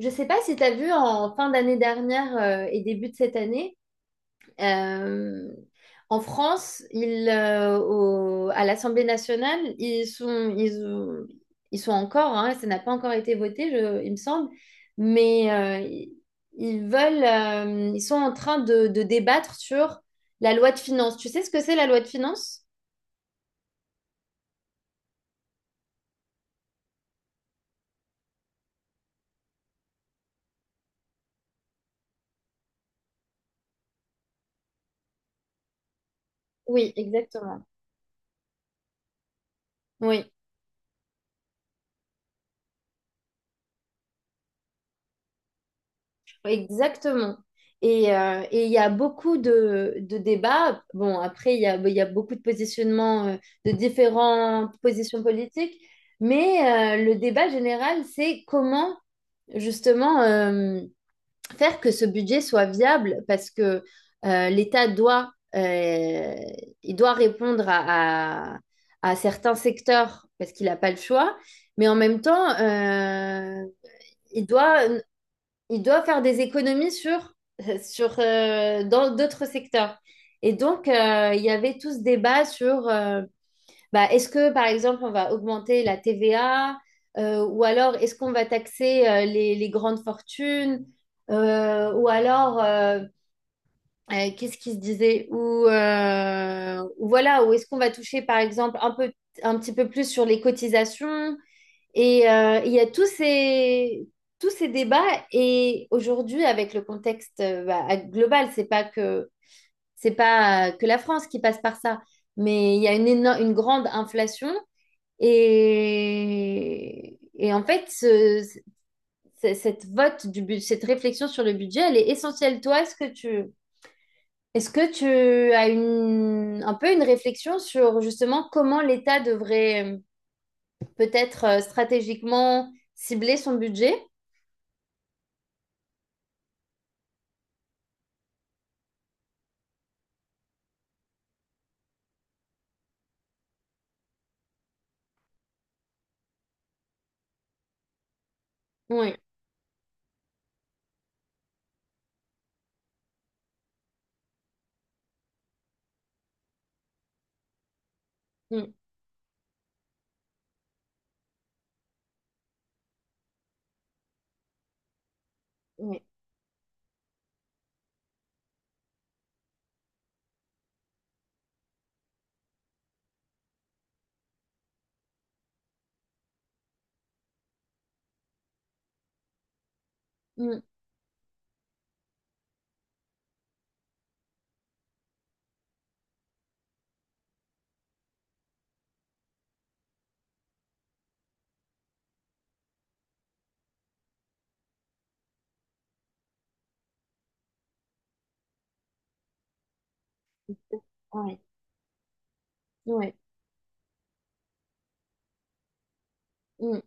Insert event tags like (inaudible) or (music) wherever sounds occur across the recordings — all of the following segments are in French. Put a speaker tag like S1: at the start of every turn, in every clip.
S1: Je sais pas si tu as vu en fin d'année dernière et début de cette année, euh, en France, à l'Assemblée nationale, ils sont encore, hein, ça n'a pas encore été voté, il me semble, mais ils veulent, ils sont en train de débattre sur la loi de finances. Tu sais ce que c'est la loi de finances? Oui, exactement. Oui. Exactement. Et il y a beaucoup de débats. Bon, après, il y a beaucoup de positionnements, de différentes positions politiques, mais le débat général, c'est comment justement faire que ce budget soit viable, parce que l'État il doit répondre à certains secteurs, parce qu'il n'a pas le choix, mais en même temps, il doit il doit faire des économies sur, sur dans d'autres secteurs. Et donc, il y avait tout ce débat sur bah, est-ce que, par exemple, on va augmenter la TVA ou alors est-ce qu'on va taxer les grandes fortunes ou alors, qu'est-ce qui se disait ou voilà, ou est-ce qu'on va toucher, par exemple, un petit peu plus sur les cotisations et il y a tous ces débats. Et aujourd'hui, avec le contexte bah, global, c'est pas que la France qui passe par ça, mais il y a une grande inflation. Et en fait, ce- cette vote du bu- cette réflexion sur le budget, elle est essentielle. Toi, est-ce que tu as un peu une réflexion sur justement comment l'État devrait peut-être stratégiquement cibler son budget? Ouais. Mm. Ouais. Mm. Ouais, ouais. Mm.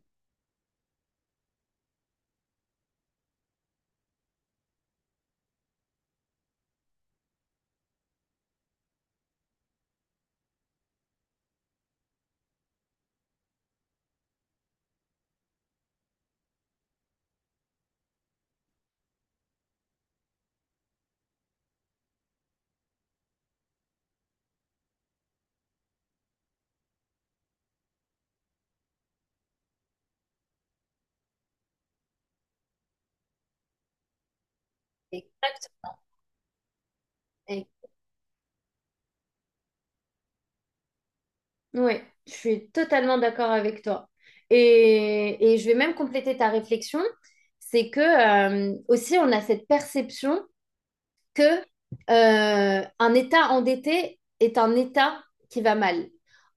S1: Exact. Et- Ouais, je suis totalement d'accord avec toi. Et je vais même compléter ta réflexion, c'est que aussi on a cette perception que un État endetté est un État qui va mal.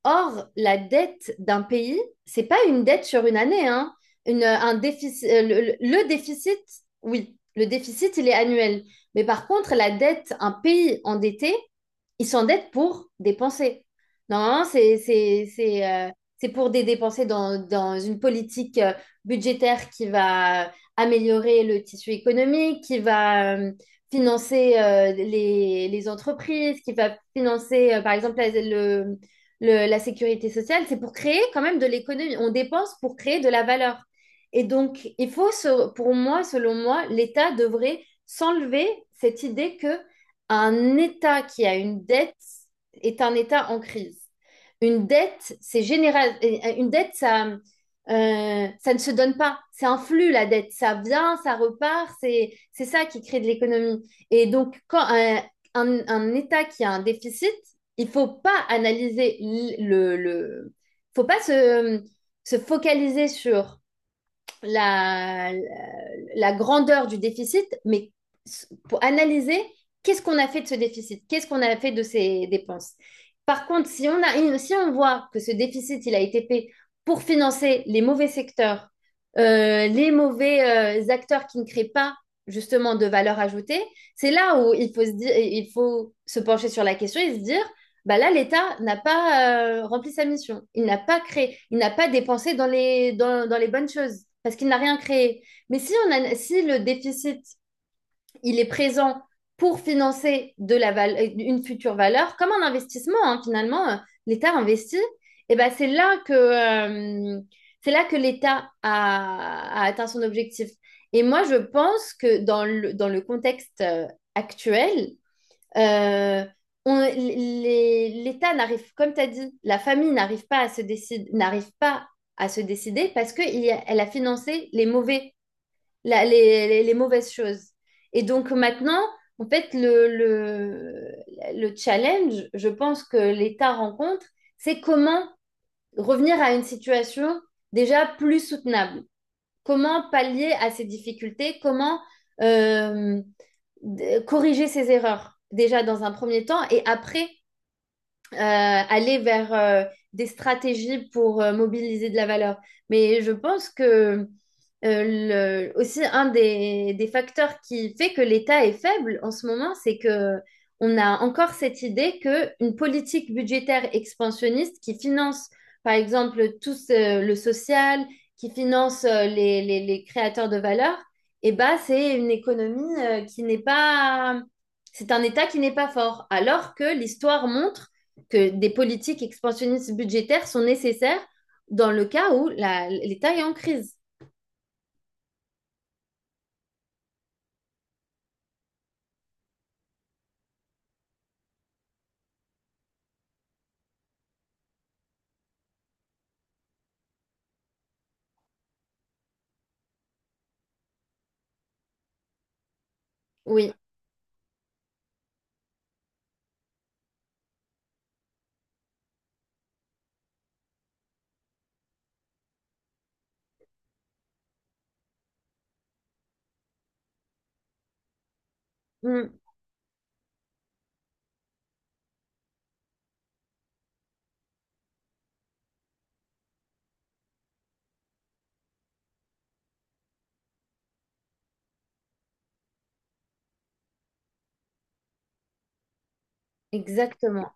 S1: Or, la dette d'un pays, c'est pas une dette sur une année, hein. Un déficit, déficit, oui, le déficit, il est annuel. Mais par contre, la dette, un pays endetté, il s'endette pour dépenser. Normalement, c'est pour des dépenses dans une politique budgétaire qui va améliorer le tissu économique, qui va financer les entreprises, qui va financer, par exemple, la sécurité sociale, c'est pour créer quand même de l'économie. On dépense pour créer de la valeur. Et donc, pour moi, selon moi, l'État devrait s'enlever cette idée que un État qui a une dette est un État en crise. Une dette, c'est général. Une dette, ça ne se donne pas. C'est un flux, la dette. Ça vient, ça repart. C'est ça qui crée de l'économie. Et donc, quand un État qui a un déficit, il ne faut pas analyser le, le, faut pas se focaliser sur la, la, la grandeur du déficit, mais pour analyser qu'est-ce qu'on a fait de ce déficit, qu'est-ce qu'on a fait de ces dépenses. Par contre, si on voit que ce déficit, il a été fait pour financer les mauvais secteurs, les mauvais acteurs qui ne créent pas justement de valeur ajoutée, c'est là où il faut se pencher sur la question et se dire, bah là, l'État n'a pas rempli sa mission. Il n'a pas créé, il n'a pas dépensé dans les bonnes choses parce qu'il n'a rien créé. Mais si, on a, si le déficit, il est présent pour financer une future valeur, comme un investissement, hein, finalement, l'État investit, et ben euh, c'est là que l'État a atteint son objectif. Et moi, je pense que dans le contexte actuel, euh, l'État n'arrive, comme tu as dit, la famille n'arrive pas à se décider, parce qu'elle a financé les mauvais, les mauvaises choses. Et donc maintenant, en fait, le challenge, je pense que l'État rencontre, c'est comment revenir à une situation déjà plus soutenable. Comment pallier à ces difficultés? Comment euh, corriger ces erreurs déjà dans un premier temps et après aller vers des stratégies pour mobiliser de la valeur. Mais je pense que aussi un des facteurs qui fait que l'État est faible en ce moment, c'est que on a encore cette idée que une politique budgétaire expansionniste qui finance, par exemple, le social, qui finance les créateurs de valeur, eh ben, c'est une économie qui n'est pas, c'est un État qui n'est pas fort. Alors que l'histoire montre que des politiques expansionnistes budgétaires sont nécessaires dans le cas où l'État est en crise. Oui. Mm. Exactement.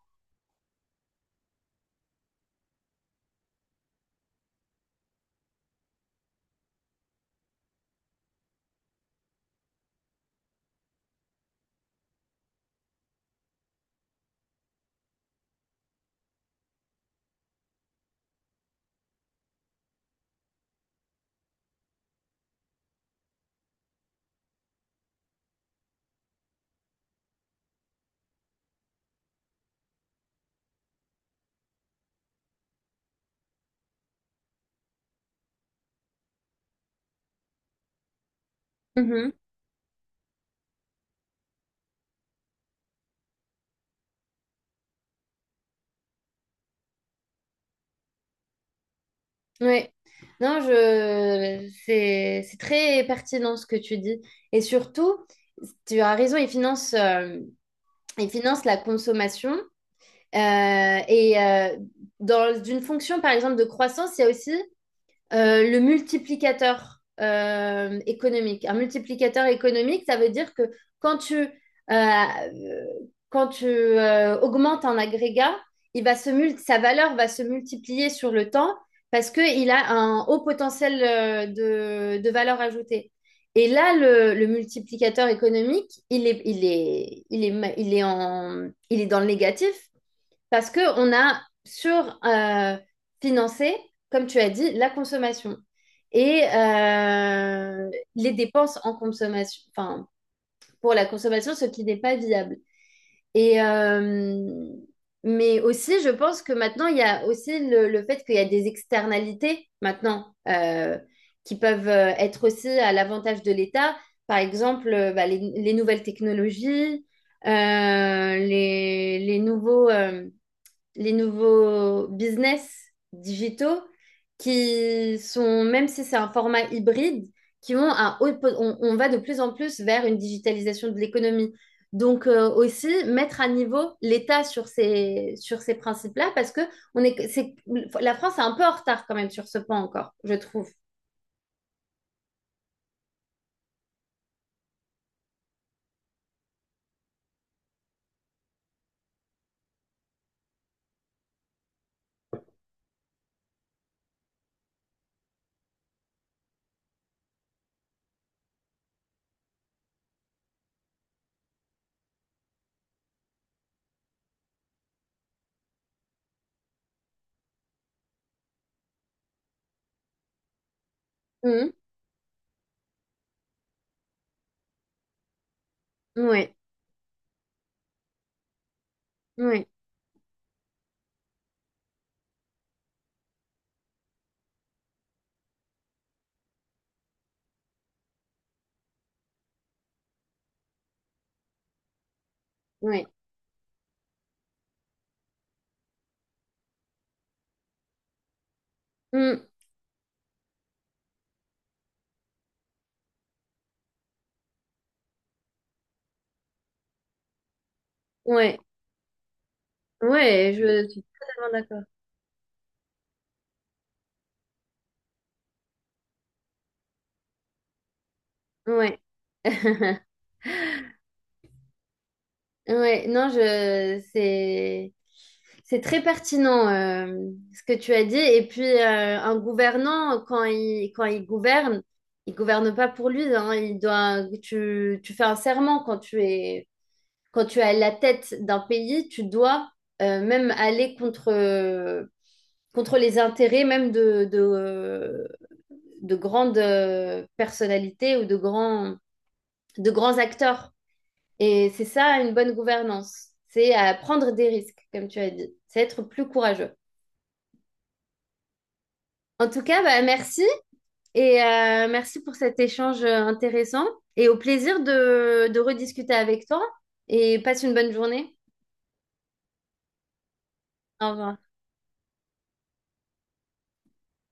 S1: Mhm. Oui. Non, c'est très pertinent ce que tu dis. Et surtout, tu as raison, ils financent la consommation. Euh, et euh, Dans une fonction, par exemple, de croissance, il y a aussi le multiplicateur économique. Un multiplicateur économique, ça veut dire que quand tu, euh, euh, quand tu augmentes un agrégat, il va sa valeur va se multiplier sur le temps parce qu'il a un haut potentiel de valeur ajoutée. Et là, le multiplicateur économique, il est, il est, il est, ma- il est en, il est dans le négatif parce qu'on a sur-financé, comme tu as dit, la consommation. Et les dépenses en consommation, enfin, pour la consommation, ce qui n'est pas viable. Et, euh, mais aussi, je pense que maintenant, il y a aussi le fait qu'il y a des externalités maintenant qui peuvent être aussi à l'avantage de l'État. Par exemple, bah, les nouvelles technologies, euh, les, les nouveaux, euh, les nouveaux business digitaux qui sont, même si c'est un format hybride, qui ont un haut, on va de plus en plus vers une digitalisation de l'économie. Donc aussi mettre à niveau l'État sur sur ces principes-là, parce que on est, c'est, la France est un peu en retard quand même sur ce point encore, je trouve. Oui, oui, oui, oui, oui, oui, je suis totalement d'accord. Oui. (laughs) Ouais, non, je c'est très pertinent ce que tu as dit. Et puis un gouvernant, quand il gouverne, il gouverne pas pour lui, hein. Tu fais un serment quand tu es à la tête d'un pays, tu dois même aller contre les intérêts même de grandes personnalités ou de grands acteurs. Et c'est ça une bonne gouvernance, c'est à prendre des risques, comme tu as dit, c'est être plus courageux. En tout cas, bah, merci et merci pour cet échange intéressant et au plaisir de rediscuter avec toi et passe une bonne journée. Au revoir.